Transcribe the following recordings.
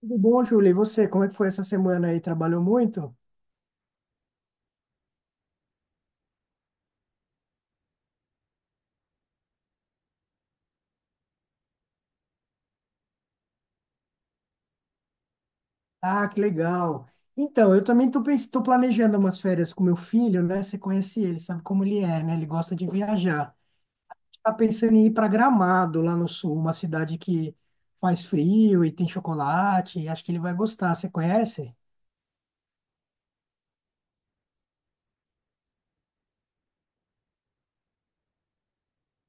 Tudo bom, Júlia? E você, como é que foi essa semana aí? Trabalhou muito? Ah, que legal. Então, eu também tô, tô planejando umas férias com meu filho, né? Você conhece ele, sabe como ele é, né? Ele gosta de viajar. Tá pensando em ir para Gramado, lá no sul, uma cidade que faz frio e tem chocolate. Acho que ele vai gostar. Você conhece?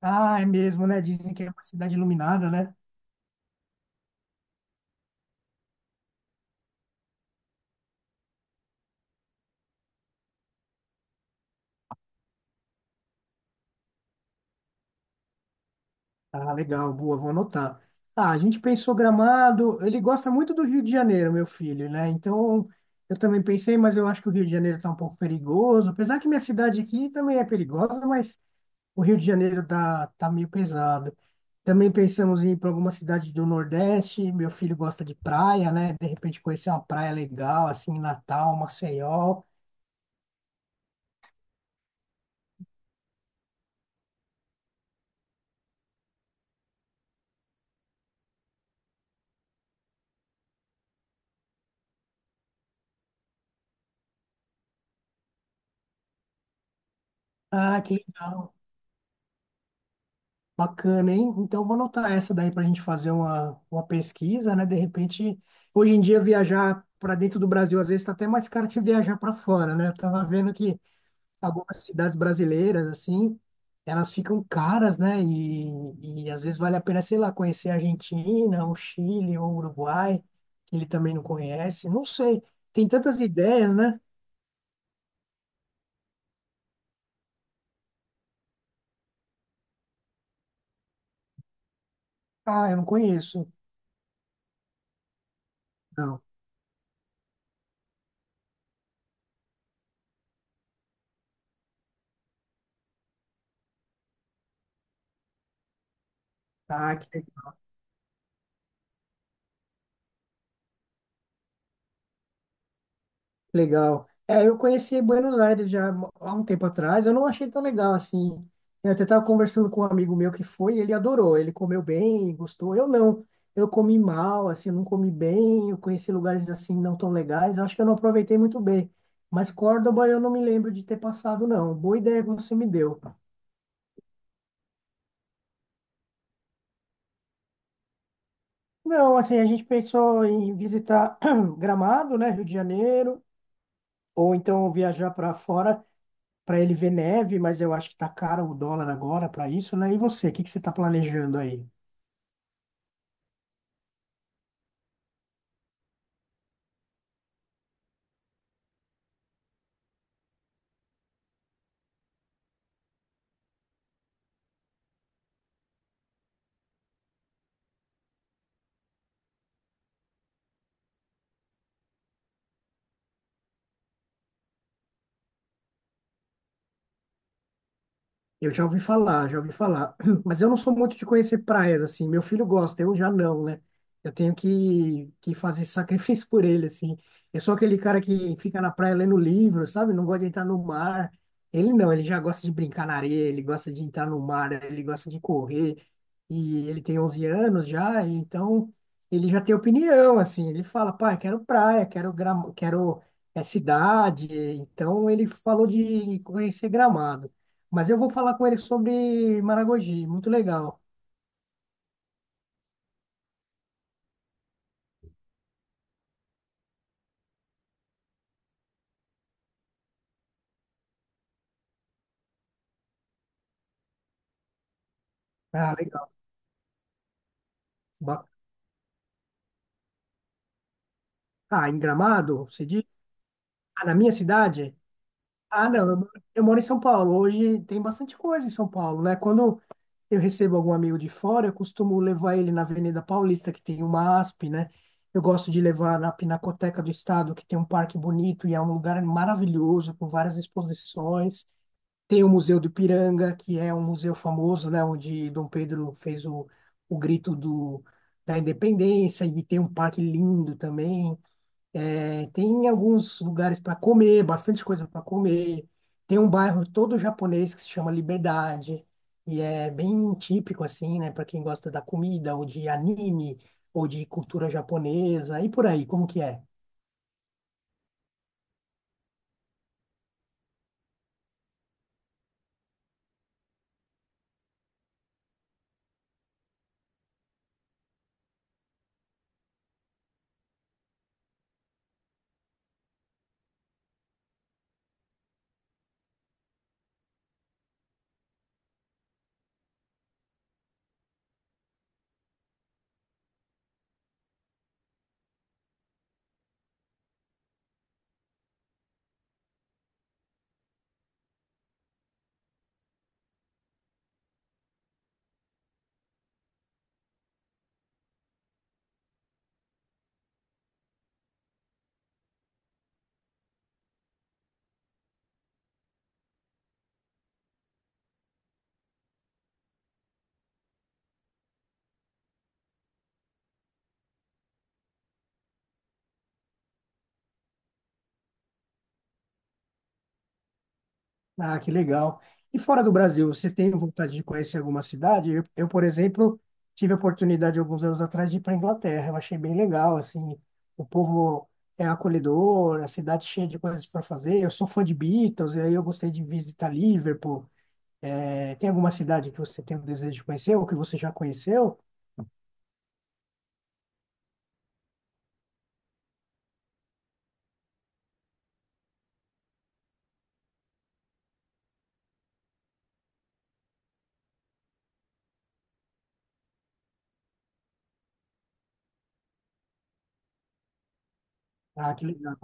Ah, é mesmo, né? Dizem que é uma cidade iluminada, né? Ah, legal, boa, vou anotar. Ah, a gente pensou Gramado, ele gosta muito do Rio de Janeiro, meu filho, né? Então, eu também pensei, mas eu acho que o Rio de Janeiro está um pouco perigoso, apesar que minha cidade aqui também é perigosa, mas o Rio de Janeiro tá meio pesado. Também pensamos em ir para alguma cidade do Nordeste, meu filho gosta de praia, né? De repente conhecer uma praia legal, assim, Natal, Maceió. Ah, que legal. Bacana, hein? Então, vou anotar essa daí para a gente fazer uma pesquisa, né? De repente, hoje em dia, viajar para dentro do Brasil às vezes está até mais caro que viajar para fora, né? Eu tava vendo que algumas cidades brasileiras, assim, elas ficam caras, né? E às vezes vale a pena, sei lá, conhecer a Argentina, o Chile, ou o Uruguai, que ele também não conhece. Não sei, tem tantas ideias, né? Ah, eu não conheço. Não. Ah, que legal. É, eu conheci Buenos Aires já há um tempo atrás, eu não achei tão legal assim. Eu até estava conversando com um amigo meu que foi, e ele adorou, ele comeu bem, gostou. Eu não, eu comi mal, assim, eu não comi bem, eu conheci lugares assim não tão legais, eu acho que eu não aproveitei muito bem. Mas Córdoba eu não me lembro de ter passado, não. Boa ideia que você me deu. Não, assim, a gente pensou em visitar Gramado, né, Rio de Janeiro, ou então viajar para fora, para ele ver neve, mas eu acho que tá caro o dólar agora para isso, né? E você, o que que você está planejando aí? Eu já ouvi falar, já ouvi falar. Mas eu não sou muito de conhecer praias, assim. Meu filho gosta, eu já não, né? Eu tenho que fazer sacrifício por ele, assim. Eu sou aquele cara que fica na praia lendo livro, sabe? Não gosta de entrar no mar. Ele não, ele já gosta de brincar na areia, ele gosta de entrar no mar, ele gosta de correr. E ele tem 11 anos já, e então ele já tem opinião, assim. Ele fala, pai, quero praia, quero, quero cidade. Então ele falou de conhecer Gramado. Mas eu vou falar com ele sobre Maragogi. Muito legal. Ah, legal. Ba- Ah, em Gramado, você diz? Ah, na minha cidade? Ah, não. Eu, eu moro em São Paulo. Hoje tem bastante coisa em São Paulo, né? Quando eu recebo algum amigo de fora, eu costumo levar ele na Avenida Paulista, que tem uma ASP, né? Eu gosto de levar na Pinacoteca do Estado, que tem um parque bonito e é um lugar maravilhoso, com várias exposições. Tem o Museu do Ipiranga, que é um museu famoso, né, onde Dom Pedro fez o grito da independência, e tem um parque lindo também. É, tem alguns lugares para comer, bastante coisa para comer. Tem um bairro todo japonês que se chama Liberdade, e é bem típico, assim, né, para quem gosta da comida, ou de anime, ou de cultura japonesa, e por aí, como que é? Ah, que legal. E fora do Brasil, você tem vontade de conhecer alguma cidade? Eu, por exemplo, tive a oportunidade alguns anos atrás de ir para a Inglaterra. Eu achei bem legal, assim, o povo é acolhedor, a cidade cheia de coisas para fazer. Eu sou fã de Beatles, e aí eu gostei de visitar Liverpool. Eh, tem alguma cidade que você tem o desejo de conhecer ou que você já conheceu? Ah, que legal.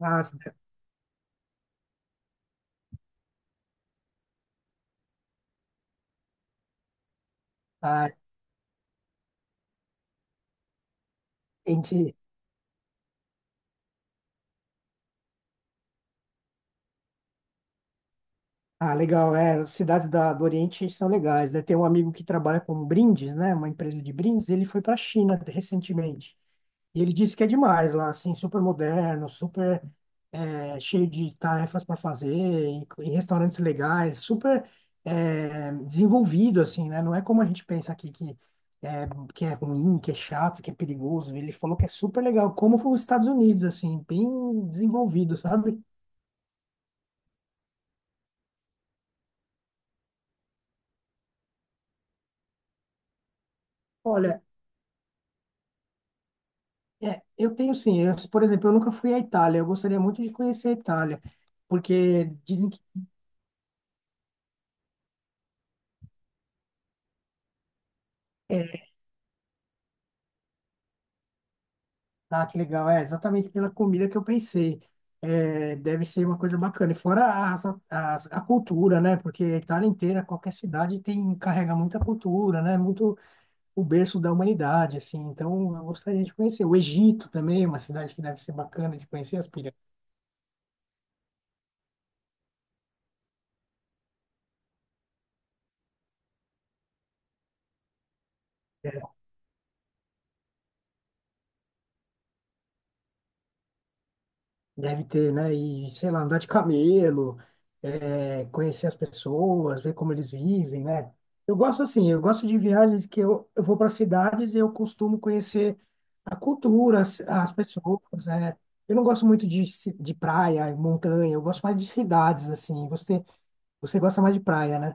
Ah, cida- ah, gente, ah, legal. É, as cidades do Oriente são legais, né? Tem um amigo que trabalha com brindes, né? Uma empresa de brindes. Ele foi para a China recentemente. E ele disse que é demais lá, assim, super moderno, super cheio de tarefas para fazer, em restaurantes legais, super desenvolvido, assim, né? Não é como a gente pensa aqui que é, que é ruim, que é chato, que é perigoso. Ele falou que é super legal, como foi os Estados Unidos, assim, bem desenvolvido, sabe? Olha, é, eu tenho sim. Eu, por exemplo, eu nunca fui à Itália. Eu gostaria muito de conhecer a Itália, porque dizem que é, ah, que legal, é exatamente pela comida que eu pensei. É, deve ser uma coisa bacana. E fora a cultura, né? Porque a Itália inteira, qualquer cidade tem carrega muita cultura, né? Muito o berço da humanidade, assim. Então, eu gostaria de conhecer. O Egito também é uma cidade que deve ser bacana de conhecer as pirâmides. Deve ter, né? E, sei lá, andar de camelo, é, conhecer as pessoas, ver como eles vivem, né? Eu gosto assim, eu gosto de viagens que eu vou para cidades e eu costumo conhecer a cultura, as pessoas, né? Eu não gosto muito de, de praia, montanha, eu gosto mais de cidades, assim. Você gosta mais de praia, né?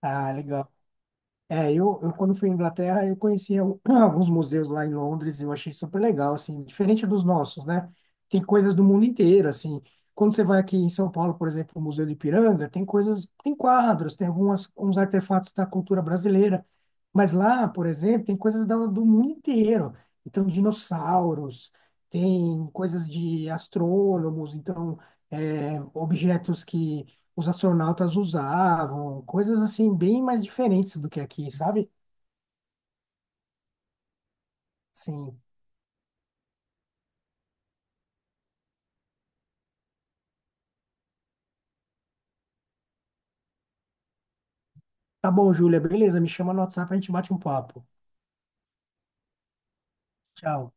Ah, legal. É, eu quando fui à Inglaterra, eu conheci alguns museus lá em Londres e eu achei super legal, assim, diferente dos nossos, né? Tem coisas do mundo inteiro, assim. Quando você vai aqui em São Paulo, por exemplo, o Museu do Ipiranga, tem coisas, tem quadros, tem algumas, uns artefatos da cultura brasileira. Mas lá, por exemplo, tem coisas do mundo inteiro. Então, dinossauros, tem coisas de astrônomos, então, é, objetos que os astronautas usavam, coisas assim bem mais diferentes do que aqui, sabe? Sim. Tá bom, Júlia, beleza, me chama no WhatsApp, a gente bate um papo. Tchau.